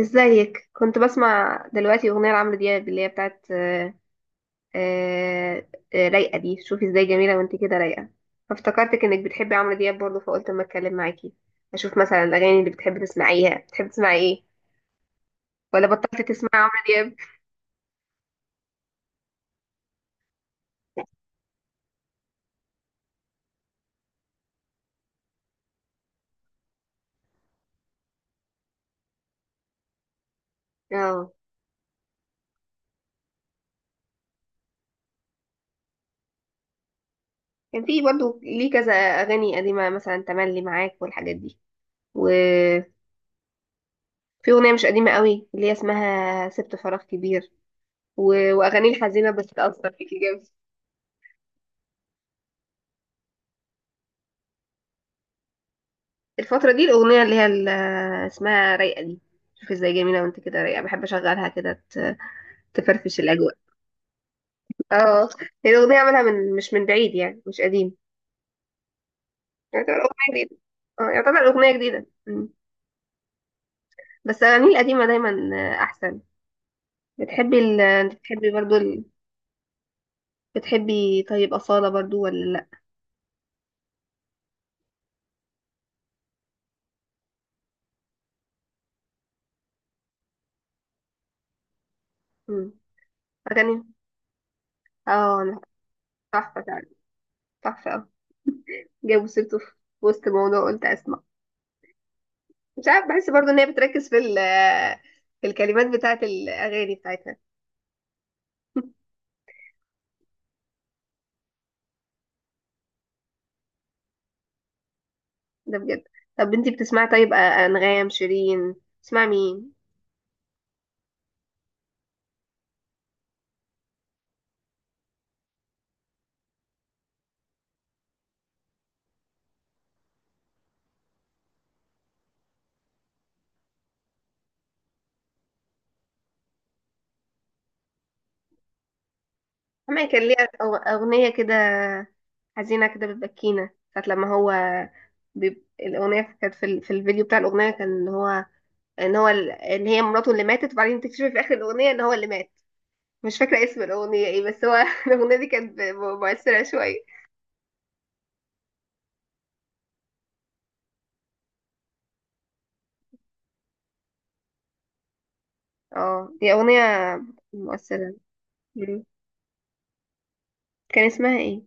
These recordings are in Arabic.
ازيك؟ كنت بسمع دلوقتي اغنيه لعمرو دياب اللي هي بتاعت آه، رايقه دي. شوفي ازاي جميله وانت كده رايقه. فافتكرتك انك بتحبي عمرو دياب برضه، فقلت اما اتكلم معاكي اشوف مثلا الاغاني اللي بتحبي تسمعيها. بتحبي تسمعي ايه؟ ولا بطلت تسمعي عمرو دياب؟ اه. كان في برضه ليه كذا اغاني قديمه، مثلا تملي معاك والحاجات دي. وفي اغنيه مش قديمه قوي اللي هي اسمها سبت فراغ كبير. و... واغاني الحزينه بس تاثر فيكي جامد. الفترة دي الأغنية اللي هي اسمها رايقة دي. شوف ازاي جميلة وانت كده رايقة. بحب أشغلها كده، تفرفش الأجواء. اه، هي الأغنية عملها مش من بعيد يعني، مش قديم. يعتبر أغنية جديدة. اه، يعتبر أغنية جديدة. مم. بس الأغاني القديمة دايما أحسن. انت بتحبي برضو بتحبي، طيب، أصالة برضو ولا لأ؟ مم. أغاني. اه، تحفة فعلا. تحفة، اه. جابوا سيرته في وسط موضوع، قلت أسمع. مش عارف، بحس برضو ان هي بتركز في الكلمات بتاعت الاغاني بتاعتها. ده بجد. طب، انتي بتسمعي، طيب، انغام، شيرين؟ تسمعي مين؟ سمعي، كان ليها اغنيه كده، حزينه كده، بتبكينا ساعه لما هو الاغنيه كانت في الفيديو بتاع الاغنيه كان ان هو ان هي مراته اللي ماتت، وبعدين تكتشفي في اخر الاغنيه ان هو اللي مات. مش فاكره اسم الاغنيه ايه، بس هو الاغنيه دي كانت مؤثره شويه. اه، دي اغنيه مؤثره. مم. كان اسمها ايه؟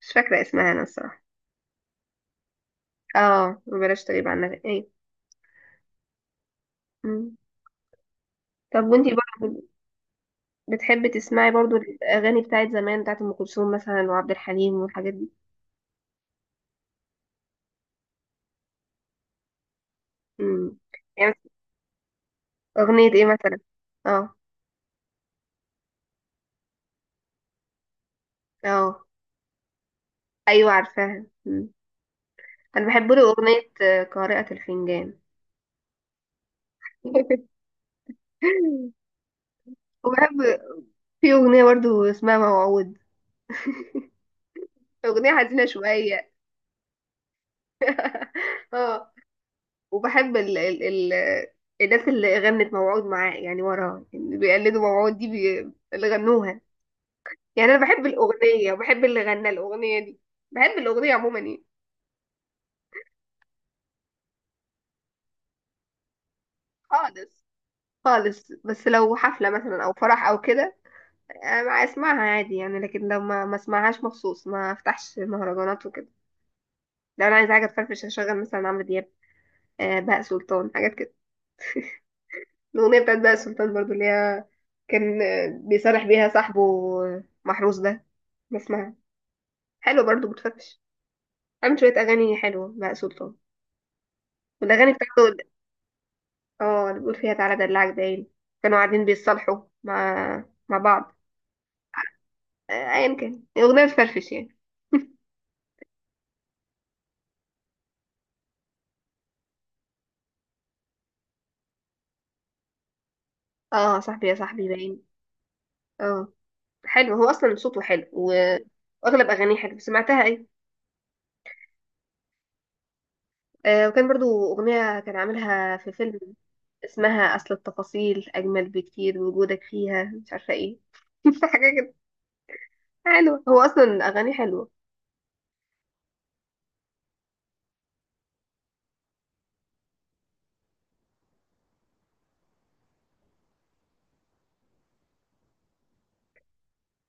مش فاكرة اسمها أنا الصراحة. اه، بلاش. تغيب عنها ايه. مم. طب، وانتي برضه بتحبي تسمعي برضه الأغاني بتاعت زمان، بتاعت أم كلثوم مثلا، وعبد الحليم والحاجات دي؟ مم. يعني أغنية ايه مثلا؟ اه، اه. أيوة، عارفاها. مم. أنا بحب له أغنية قارئة الفنجان. وبحب. في أغنية برضه اسمها موعود، أغنية حزينة شوية. وبحب ال ال ال الناس اللي غنت موعود معاه، يعني وراها اللي بيقلدوا موعود دي، اللي غنوها. يعني انا بحب الاغنيه، وبحب اللي غنى الاغنيه دي. بحب الاغنيه عموما يعني. خالص. خالص، بس لو حفله مثلا او فرح او كده أنا اسمعها عادي يعني، لكن لو ما ما اسمعهاش مخصوص، ما افتحش مهرجانات وكده. لو انا عايزه حاجه تفرفش، هشغل مثلا عمرو دياب، بهاء سلطان، حاجات كده. الاغنيه بتاعت بهاء سلطان برضو اللي هي كان بيصالح بيها صاحبه، محروس ده، بسمعها. حلو برضو، بتفرفش. عامل شوية أغاني حلوة بقى سلطان. والأغاني بتاعته اللي بيقول فيها تعالى دلعك باين، كانوا قاعدين بيتصالحوا مع بعض. أيا كان، أغنية بتفرفش يعني. اه، صاحبي يا صاحبي باين. اه، حلو. هو أصلا صوته حلو وأغلب أغانيه حلو. سمعتها أيه؟ آه، وكان برضو أغنية كان عاملها في فيلم اسمها: أصل التفاصيل أجمل بكتير وجودك فيها، مش عارفة ايه. حاجة كده. حلوة، هو أصلا أغانيه حلوة.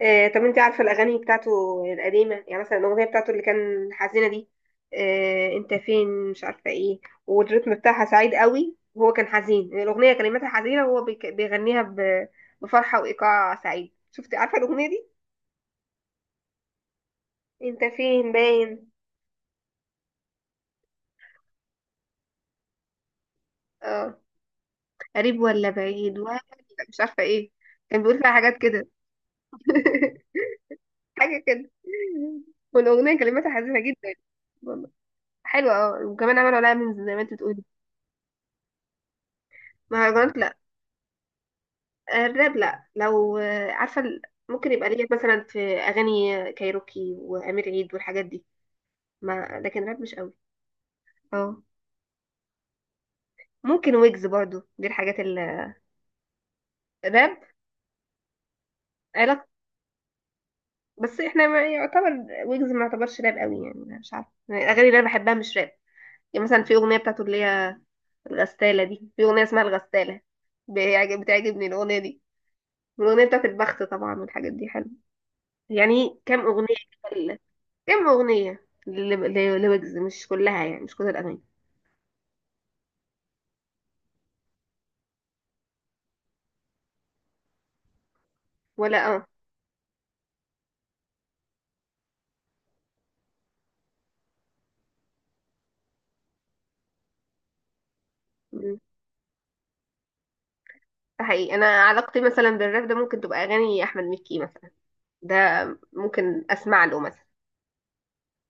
طب، انت عارفه الاغاني بتاعته القديمه يعني، مثلا الاغنيه بتاعته اللي كان حزينه دي، انت فين، مش عارفه ايه، والريتم بتاعها سعيد قوي وهو كان حزين. الاغنيه كلماتها حزينه وهو بيغنيها بفرحه وايقاع سعيد. شفتي؟ عارفه الاغنيه دي؟ انت فين، باين. اه، قريب ولا بعيد ولا مش عارفه ايه. كان بيقول فيها حاجات كده. حاجه كده. والاغنيه كلماتها حزينه جدا. والله حلوه. اه، وكمان عملوا عليها من زي ما انت بتقولي. مهرجانات؟ الراب، لا، لو عارفة ممكن يبقى ليا مثلا في أغاني كايروكي وأمير عيد والحاجات دي، ما لكن راب مش قوي. اه، ممكن ويجز برضو، دي الحاجات. الراب، علاقة. بس احنا، ما يعتبر، ويجز ما يعتبرش راب قوي، يعني أنا مش عارفة. يعني الأغاني اللي أنا بحبها مش راب. يعني مثلا في أغنية بتاعته اللي هي الغسالة دي، في أغنية اسمها الغسالة، بتعجبني الأغنية دي. والأغنية بتاعت البخت طبعا والحاجات دي حلوة. يعني كام أغنية كده، كام أغنية لويجز، مش كلها يعني، مش كل الأغاني. ولا. اه. م. ده حقيقي، أنا علاقتي مثلا بالراب ده ممكن تبقى أغاني أحمد مكي مثلا. ده، ممكن أسمع له مثلا.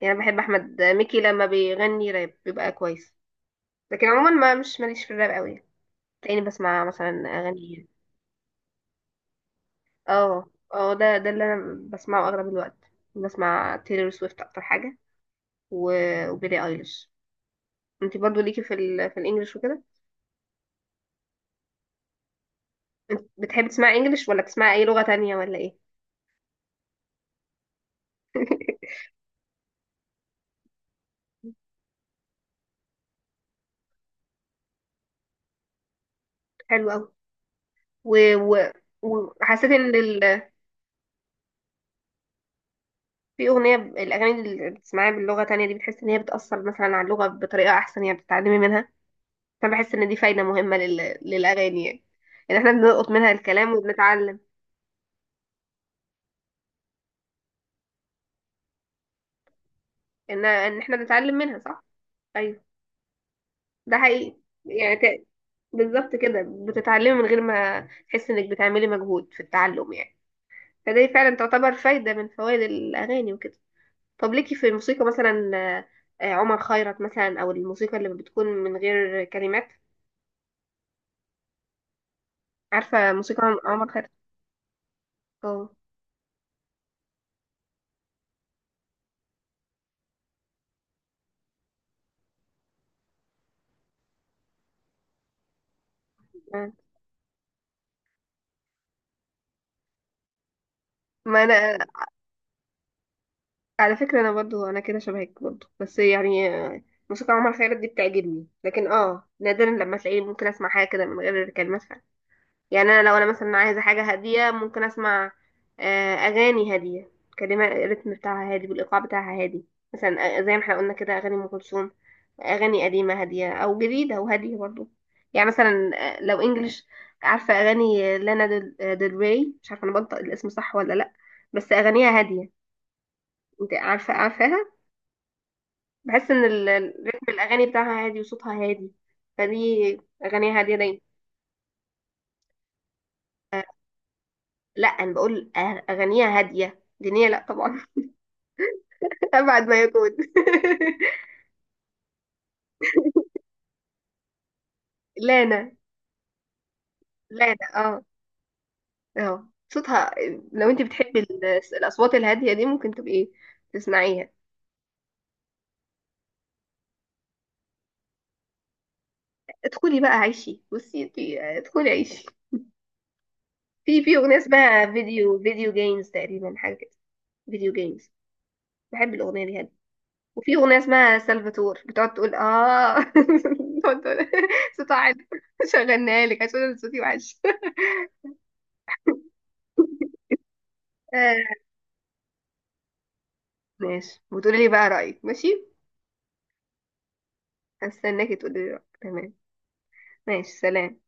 يعني أنا بحب أحمد مكي، لما بيغني راب بيبقى كويس. لكن عموما، ما، مش ماليش في الراب قوي. تلاقيني بسمع مثلا أغاني. اه، اه، ده اللي أنا بسمعه أغلب الوقت. بسمع تيلر سويفت أكتر حاجة، وبيلي أيليش. انتي برضو ليكي في الانجليش وكده؟ انت بتحبي تسمعي انجليش، ولا بتسمعي اي لغة تانية، ولا ايه؟ حلو قوي. و... وحسيت ان في اغنيه، الاغاني اللي بتسمعيها باللغه تانية دي، بتحس ان هي بتاثر مثلا على اللغه بطريقه احسن، يعني بتتعلمي منها. فانا بحس ان دي فايده مهمه للاغاني يعني، ان احنا بنلقط منها الكلام وبنتعلم، ان احنا بنتعلم منها، صح. ايوه، ده حقيقي. يعني، بالظبط كده، بتتعلمي من غير ما تحس انك بتعملي مجهود في التعلم يعني. فدي فعلا تعتبر فايده من فوائد الاغاني وكده. طب، ليكي في الموسيقى مثلا، عمر خيرت مثلا، او الموسيقى اللي بتكون من غير كلمات؟ عارفه موسيقى عمر خيرت؟ اه. آه. ما انا، على فكره، انا برضو انا كده شبهك برضو، بس يعني موسيقى عمر خيرت دي بتعجبني، لكن نادرا لما تلاقيني ممكن اسمع حاجه كده من غير كلمات. يعني انا، لو انا مثلا عايزه حاجه هاديه، ممكن اسمع اغاني هاديه، كلمه، الريتم بتاعها هادي والايقاع بتاعها هادي. مثلا زي ما احنا قلنا كده اغاني ام كلثوم، اغاني قديمه هاديه، او جديده وهاديه برضو. يعني مثلا لو انجلش، عارفه اغاني لانا ديل ديل ري؟ مش عارفه انا بنطق الاسم صح ولا لا، بس اغانيها هاديه. انت عارفاها؟ بحس ان رتم الاغاني بتاعها هادي وصوتها هادي، فدي اغانيها هاديه دايما. لا، انا بقول اغانيها هاديه، دينيه لا طبعا، أبعد ما يكون. لانا. لانا، اه. اه، صوتها، لو انت بتحبي الأصوات الهادية دي ممكن تبقي تسمعيها. ادخلي بقى، عيشي. بصي انت، ادخلي، عيشي. في أغنية اسمها فيديو جيمز تقريبا، حاجة كده. فيديو جيمز، بحب الأغنية دي، هادية. وفي أغنية اسمها سلفاتور بتقعد تقول اه، بتقعد تقول. صوتها حلو، شغلناها لك عشان أنا صوتي وحش. آه، ماشي، وتقولي لي بقى رأيك. ماشي، هستناكي تقولي لي رأيك. تمام. ماشي، سلام.